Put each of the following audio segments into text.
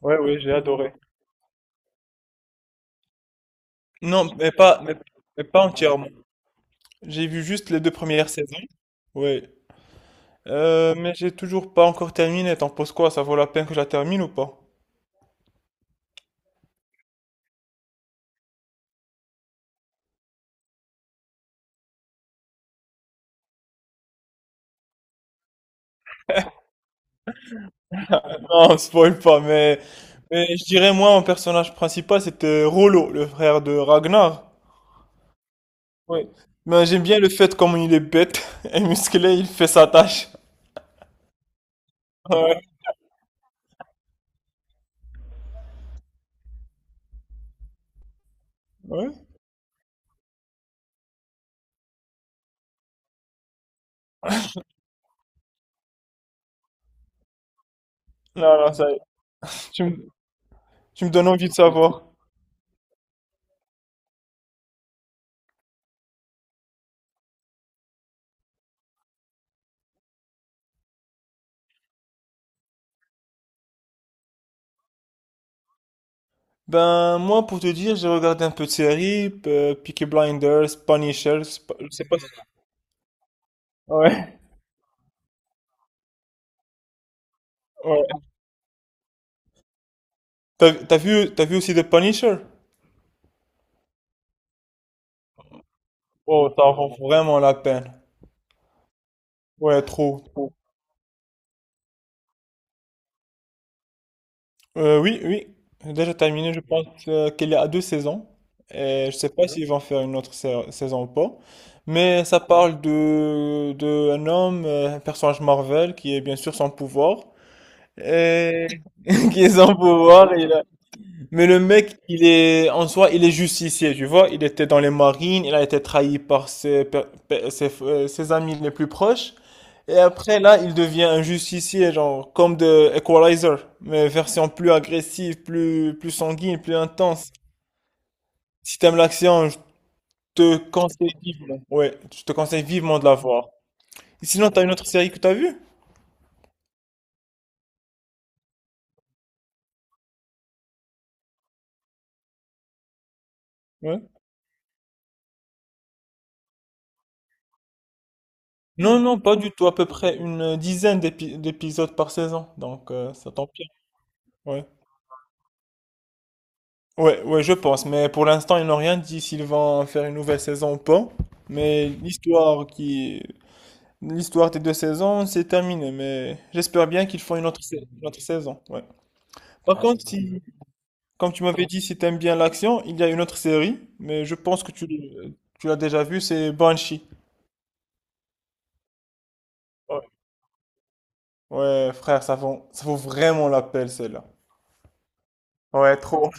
Ouais, ouais, j'ai adoré. Non, mais pas entièrement. J'ai vu juste les deux premières saisons. Oui. Mais j'ai toujours pas encore terminé. T'en penses quoi? Ça vaut la peine que je la termine ou pas? Non, spoil pas, mais je dirais moi, mon personnage principal, c'était Rollo, le frère de Ragnar. Oui. Mais j'aime bien le fait comme il est bête et musclé, il fait sa tâche. Ouais. Ouais. Non, non, ça y est. Tu me, tu me donnes envie de savoir. Ben, moi, pour te dire, j'ai regardé un peu de séries, Peaky Blinders, Punisher, c'est pas- je sais pas si... Ouais, ouais. T'as vu aussi The Punisher? Oh, ça vaut vraiment la peine. Ouais, trop. Oui, oui, j'ai déjà terminé, je pense qu'elle est à deux saisons. Et je sais pas s'ils vont faire une saison ou pas. Mais ça parle de un homme, un personnage Marvel, qui est bien sûr sans pouvoir. Et qui est sans pouvoir, mais le mec, il est, en soi, il est justicier, tu vois. Il était dans les marines, il a été trahi par ses, pe- pe- ses, ses amis les plus proches. Et après, là, il devient un justicier, genre, comme de Equalizer, mais version plus agressive, plus sanguine, plus intense. Si t'aimes l'action, je te conseille vivement. Ouais, je te conseille vivement de la voir. Et sinon, t'as une autre série que t'as vue? Ouais. Non, non, pas du tout. À peu près une dizaine d'épisodes par saison. Donc, ça t'empire. Ouais. Ouais, ouais, je pense. Mais pour l'instant, ils n'ont rien dit s'ils vont faire une nouvelle saison ou pas. Mais l'histoire des deux saisons, c'est terminé. Mais j'espère bien qu'ils font une autre saison. Ouais. Par contre, si, comme tu m'avais dit, si t'aimes bien l'action, il y a une autre série. Mais je pense que tu l'as déjà vue, c'est Banshee. Ouais. Ouais, frère, ça vaut vraiment la peine, celle-là. Ouais, trop.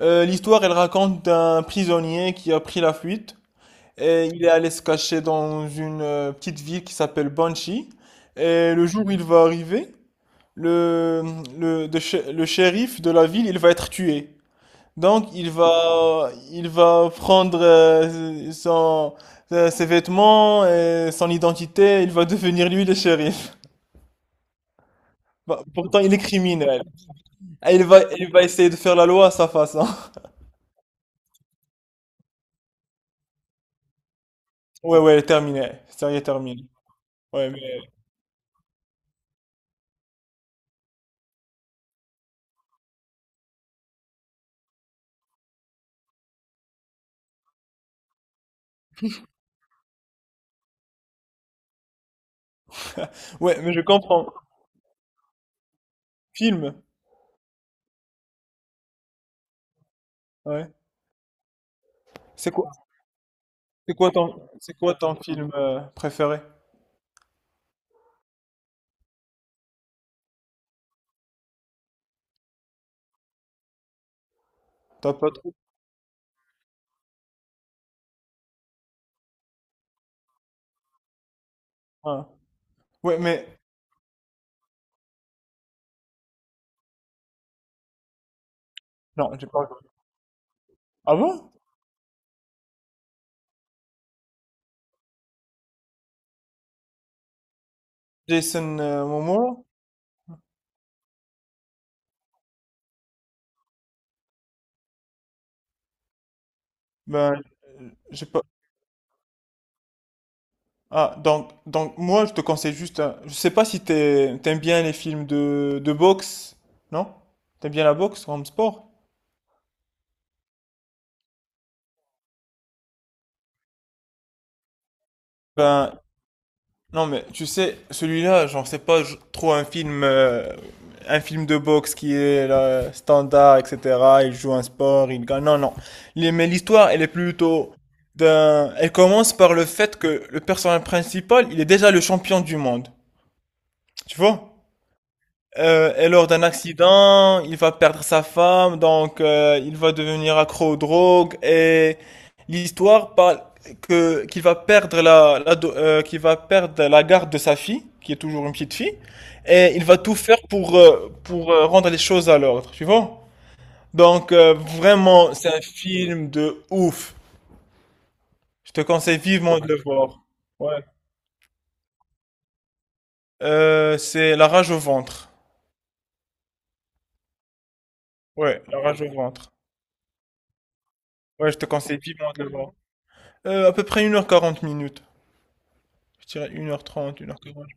L'histoire, elle raconte d'un prisonnier qui a pris la fuite. Et il est allé se cacher dans une petite ville qui s'appelle Banshee. Et le jour où il va arriver, le, le shérif de la ville, il va être tué. Donc il va prendre ses vêtements et son identité. Il va devenir lui le shérif. Bah, pourtant il est criminel. Et il va essayer de faire la loi à sa façon. Ouais, ouais, terminé. Sérieux terminé. Ouais mais, ouais mais je comprends. Film. Ouais. C'est quoi c'est quoi ton film préféré? T'as pas trop? Hein. Ouais, mais non, j'ai pas regardé. Ah bon? Jason Momoa? Ben, j'ai pas. Ah, donc moi, je te conseille juste. Je sais pas si t'aimes bien les films de boxe, non? T'aimes bien la boxe comme sport? Ben, non, mais tu sais, celui-là, j'en sais pas je- trop un film de boxe qui est là, standard, etc. Il joue un sport, il gagne. Non, non. Mais l'histoire, elle est plutôt d'un. Elle commence par le fait que le personnage principal, il est déjà le champion du monde. Tu vois? Et lors d'un accident, il va perdre sa femme, donc il va devenir accro aux drogues. Et l'histoire parle que qu'il va perdre qu'il va perdre la garde de sa fille, qui est toujours une petite fille, et il va tout faire pour rendre les choses à l'ordre, tu vois? Donc vraiment, c'est un film de ouf. Je te conseille vivement de le voir. Ouais. C'est La rage au ventre. Ouais, La rage au ventre. Ouais, je te conseille vivement de le voir. À peu près une heure quarante minutes. Je dirais une heure trente, une heure quarante.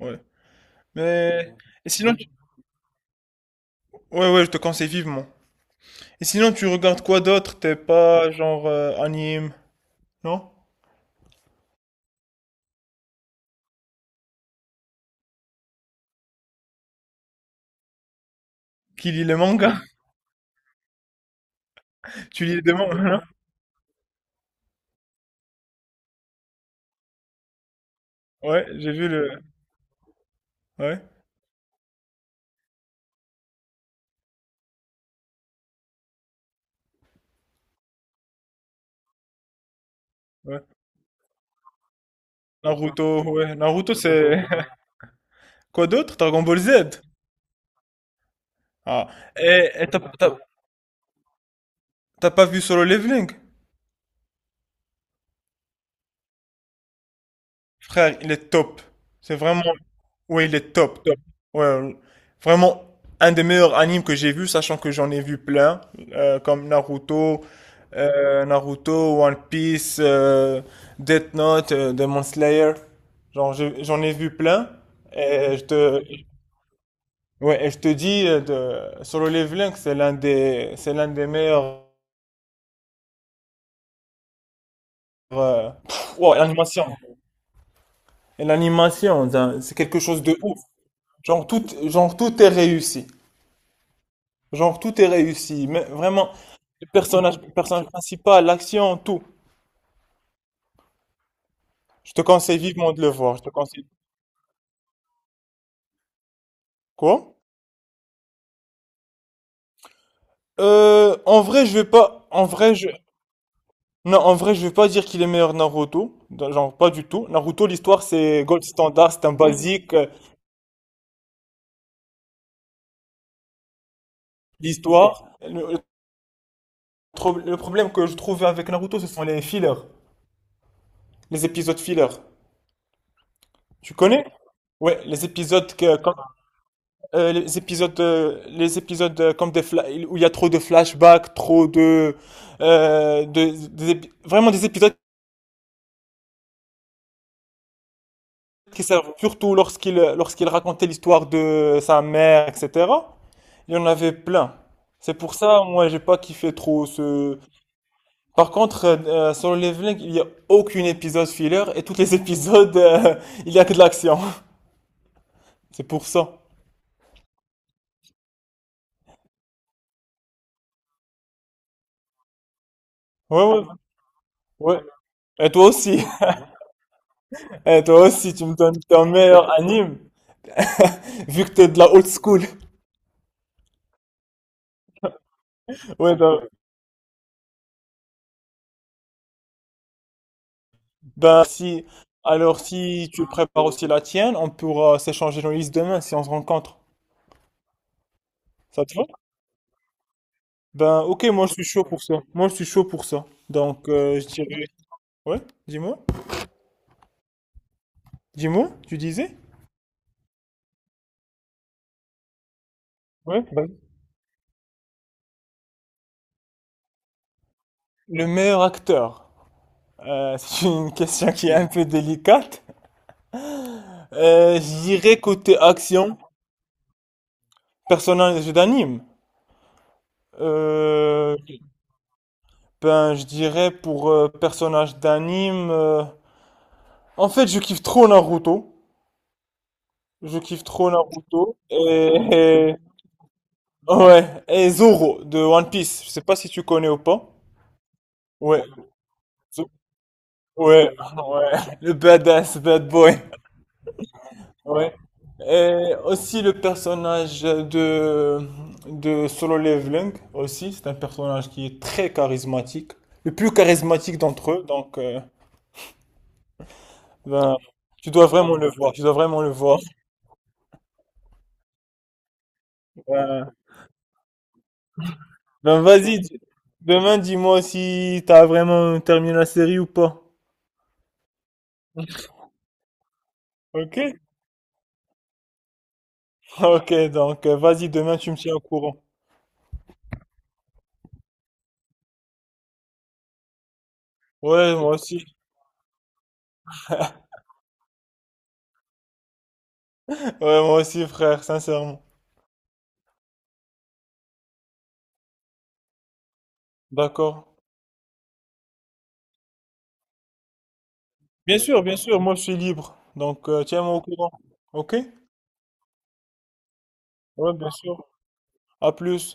Ouais. Mais et sinon tu ouais, ouais, je te conseille vivement. Et sinon tu regardes quoi d'autre? T'es pas genre, anime, non? Qui lit les mangas? Tu lis des mangas, non? Ouais, j'ai vu le ouais, ouais. Naruto, ouais, Naruto c'est quoi d'autre? Dragon Ball Z? Ah et t'as t'as tu pas vu Solo Leveling? Frère, il est top. C'est vraiment Oui, il est top, top. Ouais, vraiment un des meilleurs animes que j'ai vu, sachant que j'en ai vu plein, comme Naruto, One Piece, Death Note, Demon Slayer. Genre, j'en ai vu plein. Et je te, ouais, et je te dis de Solo Leveling, c'est l'un des meilleurs. Pff, wow, l'animation. Et l'animation, c'est quelque chose de ouf. Genre tout, genre tout est réussi. Genre, tout est réussi. Mais vraiment, le personnage principal, l'action, tout. Je te conseille vivement de le voir. Je te conseille. Quoi? En vrai, je vais pas. En vrai, je. Non, en vrai, je vais pas dire qu'il est meilleur Naruto. Genre, pas du tout. Naruto, l'histoire, c'est gold standard, c'est un basique. L'histoire. Le problème que je trouvais avec Naruto, ce sont les fillers. Les épisodes fillers. Tu connais? Ouais, les épisodes que, les épisodes où il y a trop de flashbacks, trop de- des épi- vraiment des épisodes qui servent surtout lorsqu'il racontait l'histoire de sa mère, etc. Il y en avait plein. C'est pour ça, moi, j'ai pas kiffé trop ce. Par contre, sur le leveling, il y a aucun épisode filler et tous les épisodes, il y a que de l'action. C'est pour ça. Ouais, ouais, ouais. Et toi aussi. Et toi aussi, tu me donnes ton meilleur anime vu que t'es de la old school. Ouais, ben, si. Alors, si tu prépares aussi la tienne, on pourra s'échanger nos listes demain si on se rencontre. Ça te va? Ben, ok, moi je suis chaud pour ça. Donc, je dirais. Ouais, dis-moi. Dis-moi, tu disais? Ouais, ben, le meilleur acteur. C'est une question qui est un peu délicate. Je dirais côté action, personnage d'anime. Euh, je dirais pour personnage d'anime. En fait, je kiffe trop Naruto. Je kiffe trop Naruto et, et- ouais et Zoro de One Piece. Je sais pas si tu connais ou pas. Ouais, Zo- ouais, ouais. Le badass bad boy. Ouais. Et aussi le personnage de Solo Leveling aussi. C'est un personnage qui est très charismatique, le plus charismatique d'entre eux. Donc ben, tu dois vraiment le voir. Tu dois vraiment le voir. Ben, ben vas-y. Demain, dis-moi si t'as vraiment terminé la série ou pas. Ok, ok, donc vas-y, demain tu me tiens au courant. Ouais, moi aussi. Ouais, moi aussi, frère, sincèrement. D'accord. Bien sûr, moi je suis libre. Donc tiens-moi au courant. Ok? Ouais, bien sûr. À plus.